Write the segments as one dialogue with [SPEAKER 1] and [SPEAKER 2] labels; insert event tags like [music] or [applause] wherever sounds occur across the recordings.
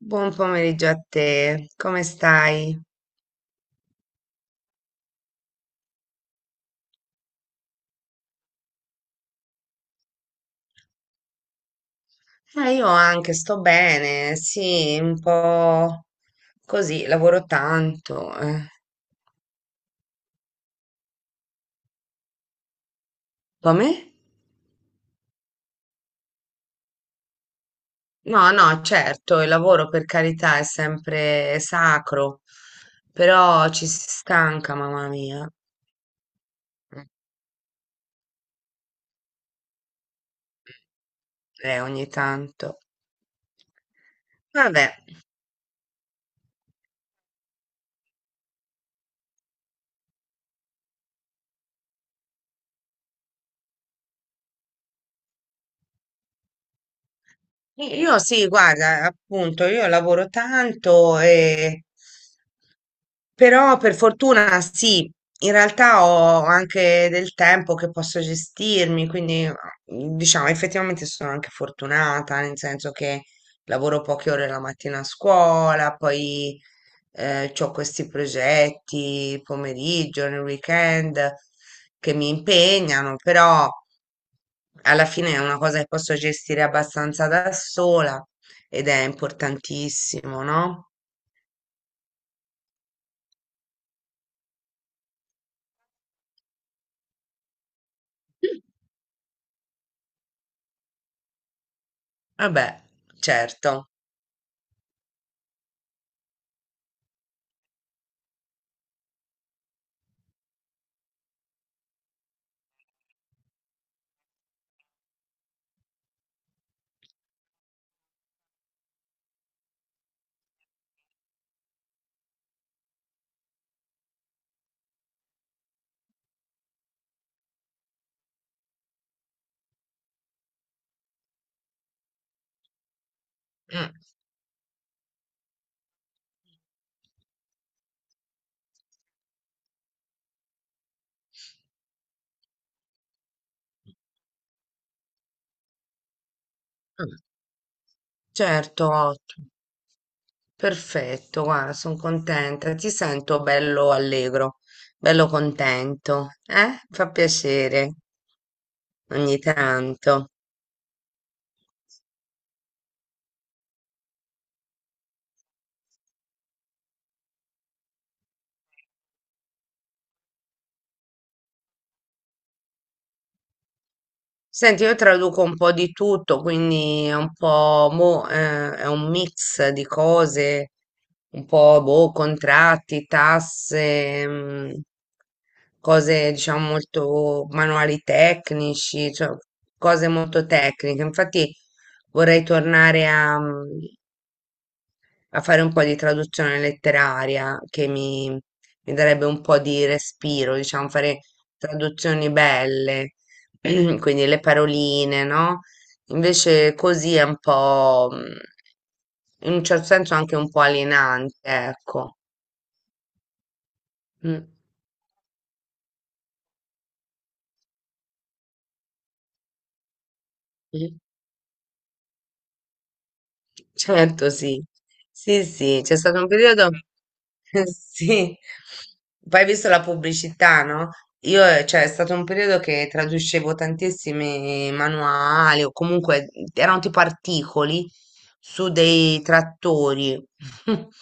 [SPEAKER 1] Buon pomeriggio a te, come stai? Ah, io anche sto bene, sì, un po' così, lavoro tanto. Come? No, no, certo, il lavoro per carità è sempre sacro, però ci si stanca, mamma mia, ogni tanto. Vabbè, io sì, guarda, appunto, io lavoro tanto. Però per fortuna sì, in realtà ho anche del tempo che posso gestirmi, quindi diciamo effettivamente sono anche fortunata, nel senso che lavoro poche ore la mattina a scuola, poi ho questi progetti pomeriggio, nel weekend che mi impegnano, però alla fine è una cosa che posso gestire abbastanza da sola ed è importantissimo, no? Vabbè, certo. Mm. Ah, certo, ottimo. Perfetto, guarda, sono contenta. Ti sento bello allegro, bello contento. Eh? Fa piacere ogni tanto. Senti, io traduco un po' di tutto, quindi è un po' è un mix di cose, un po' boh, contratti, tasse, cose diciamo molto manuali tecnici, cioè cose molto tecniche. Infatti vorrei tornare a fare un po' di traduzione letteraria che mi darebbe un po' di respiro, diciamo, fare traduzioni belle, [clears throat] quindi le paroline, no? Invece così è un po', in un certo senso anche un po' alienante, ecco. Mm. Mm. Certo, sì. Sì, sì, c'è stato un periodo. [laughs] Sì, poi hai visto la pubblicità, no? Io, cioè, è stato un periodo che traducevo tantissimi manuali o comunque erano tipo articoli su dei trattori. [laughs]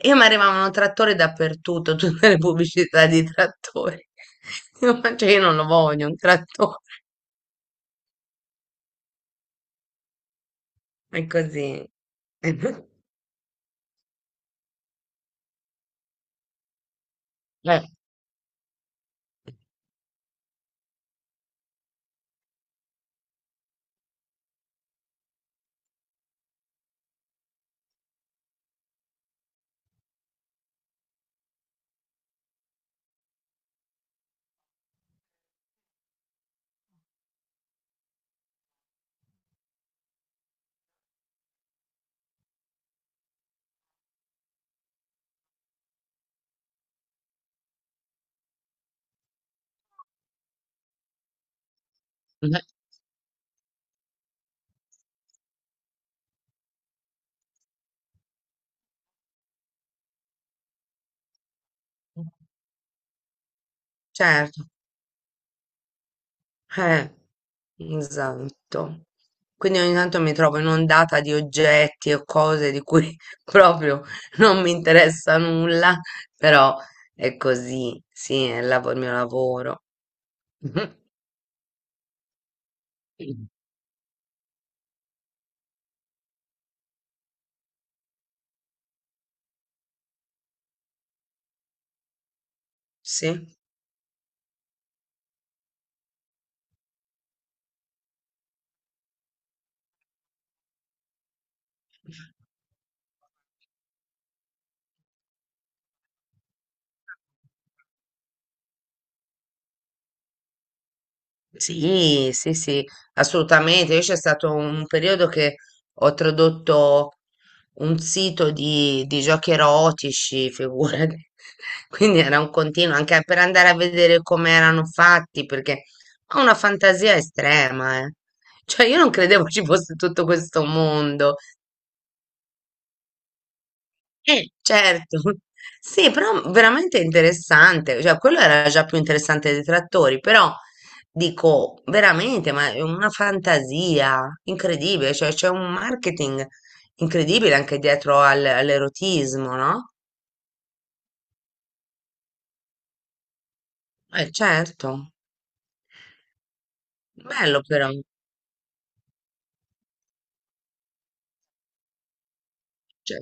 [SPEAKER 1] E mi arrivavano trattori dappertutto, [laughs] tutte le pubblicità di trattori. [laughs] Io, ma cioè, io non lo voglio, un trattore. È così. [laughs] Eh, eh, Certo. Eh, esatto. Quindi ogni tanto mi trovo inondata di oggetti o cose di cui [laughs] proprio non mi interessa nulla, però è così, sì, è il mio lavoro. [laughs] Sì. Sì, sì, sì, assolutamente. Io c'è stato un periodo che ho tradotto un sito di giochi erotici, figurati. [laughs] Quindi era un continuo, anche per andare a vedere come erano fatti, perché ho una fantasia estrema, eh. Cioè, io non credevo ci fosse tutto questo mondo. Certo. [laughs] Sì, però veramente interessante, cioè quello era già più interessante dei trattori, però dico veramente, ma è una fantasia incredibile, cioè c'è un marketing incredibile anche dietro all'erotismo, no? Certo, bello però, cioè,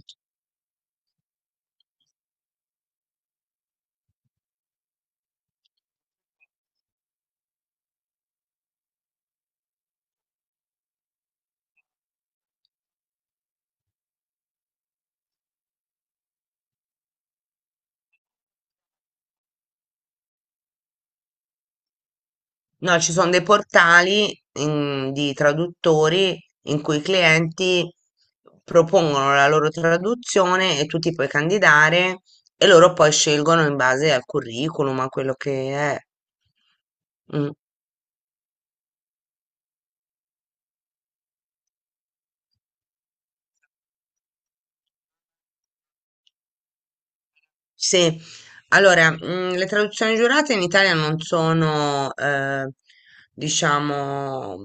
[SPEAKER 1] no, ci sono dei portali di traduttori in cui i clienti propongono la loro traduzione e tu ti puoi candidare e loro poi scelgono in base al curriculum, a quello che è. Mm. Sì, allora, le traduzioni giurate in Italia non sono, diciamo,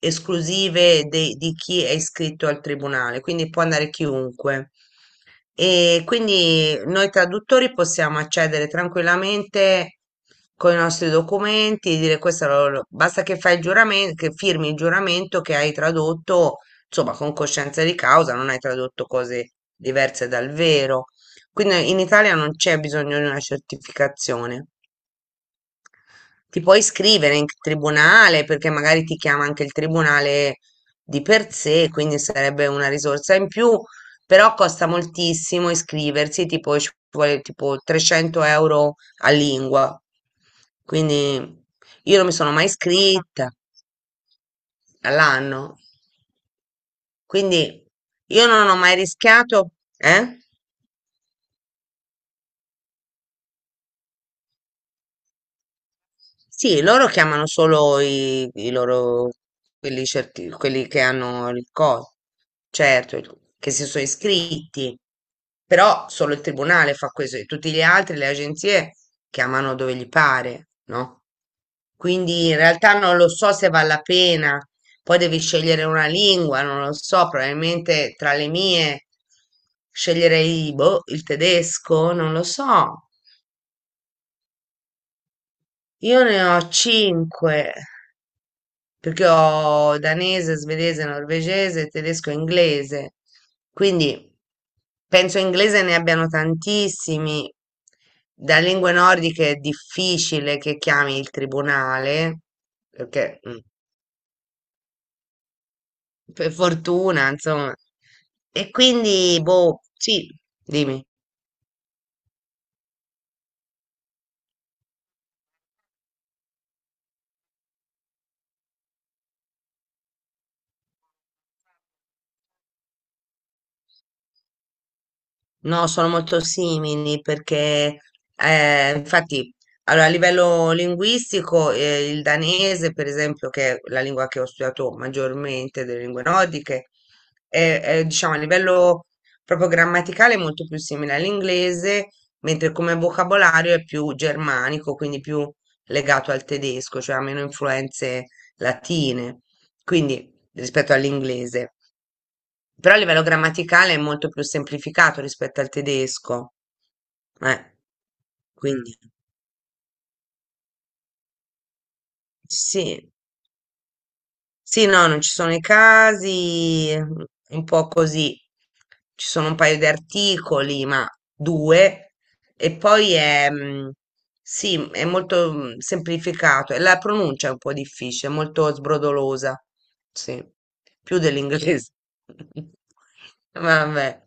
[SPEAKER 1] esclusive di chi è iscritto al tribunale, quindi può andare chiunque. E quindi noi traduttori possiamo accedere tranquillamente con i nostri documenti, dire questo, basta che fai il giuramento, che firmi il giuramento che hai tradotto, insomma, con coscienza di causa, non hai tradotto cose diverse dal vero. Quindi in Italia non c'è bisogno di una certificazione. Ti puoi iscrivere in tribunale perché magari ti chiama anche il tribunale di per sé, quindi sarebbe una risorsa in più, però costa moltissimo iscriversi, tipo ci vuole tipo 300 euro a lingua. Quindi io non mi sono mai iscritta all'anno, quindi io non ho mai rischiato, eh? Sì, loro chiamano solo i loro, quelli, quelli che hanno il coso, certo, che si sono iscritti, però solo il tribunale fa questo, e tutti gli altri, le agenzie, chiamano dove gli pare, no? Quindi in realtà non lo so se vale la pena, poi devi scegliere una lingua, non lo so, probabilmente tra le mie sceglierei, boh, il tedesco, non lo so. Io ne ho 5, perché ho danese, svedese, norvegese, tedesco e inglese. Quindi penso inglese ne abbiano tantissimi. Da lingue nordiche è difficile che chiami il tribunale, perché per fortuna, insomma. E quindi, boh, sì, dimmi. No, sono molto simili perché, infatti, allora, a livello linguistico, il danese, per esempio, che è la lingua che ho studiato maggiormente delle lingue nordiche, è, diciamo, a livello proprio grammaticale è molto più simile all'inglese, mentre come vocabolario è più germanico, quindi più legato al tedesco, cioè ha meno influenze latine, quindi rispetto all'inglese. Però a livello grammaticale è molto più semplificato rispetto al tedesco. Eh, quindi sì, sì, no, non ci sono i casi, un po' così. Ci sono un paio di articoli, ma due. E poi è, sì, è molto semplificato. E la pronuncia è un po' difficile, è molto sbrodolosa. Sì, più dell'inglese. [laughs] Vabbè.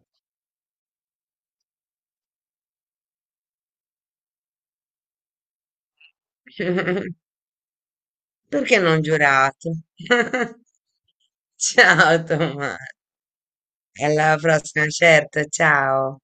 [SPEAKER 1] [laughs] Perché non giurato? [laughs] Ciao Tommaso, alla prossima, certo, ciao.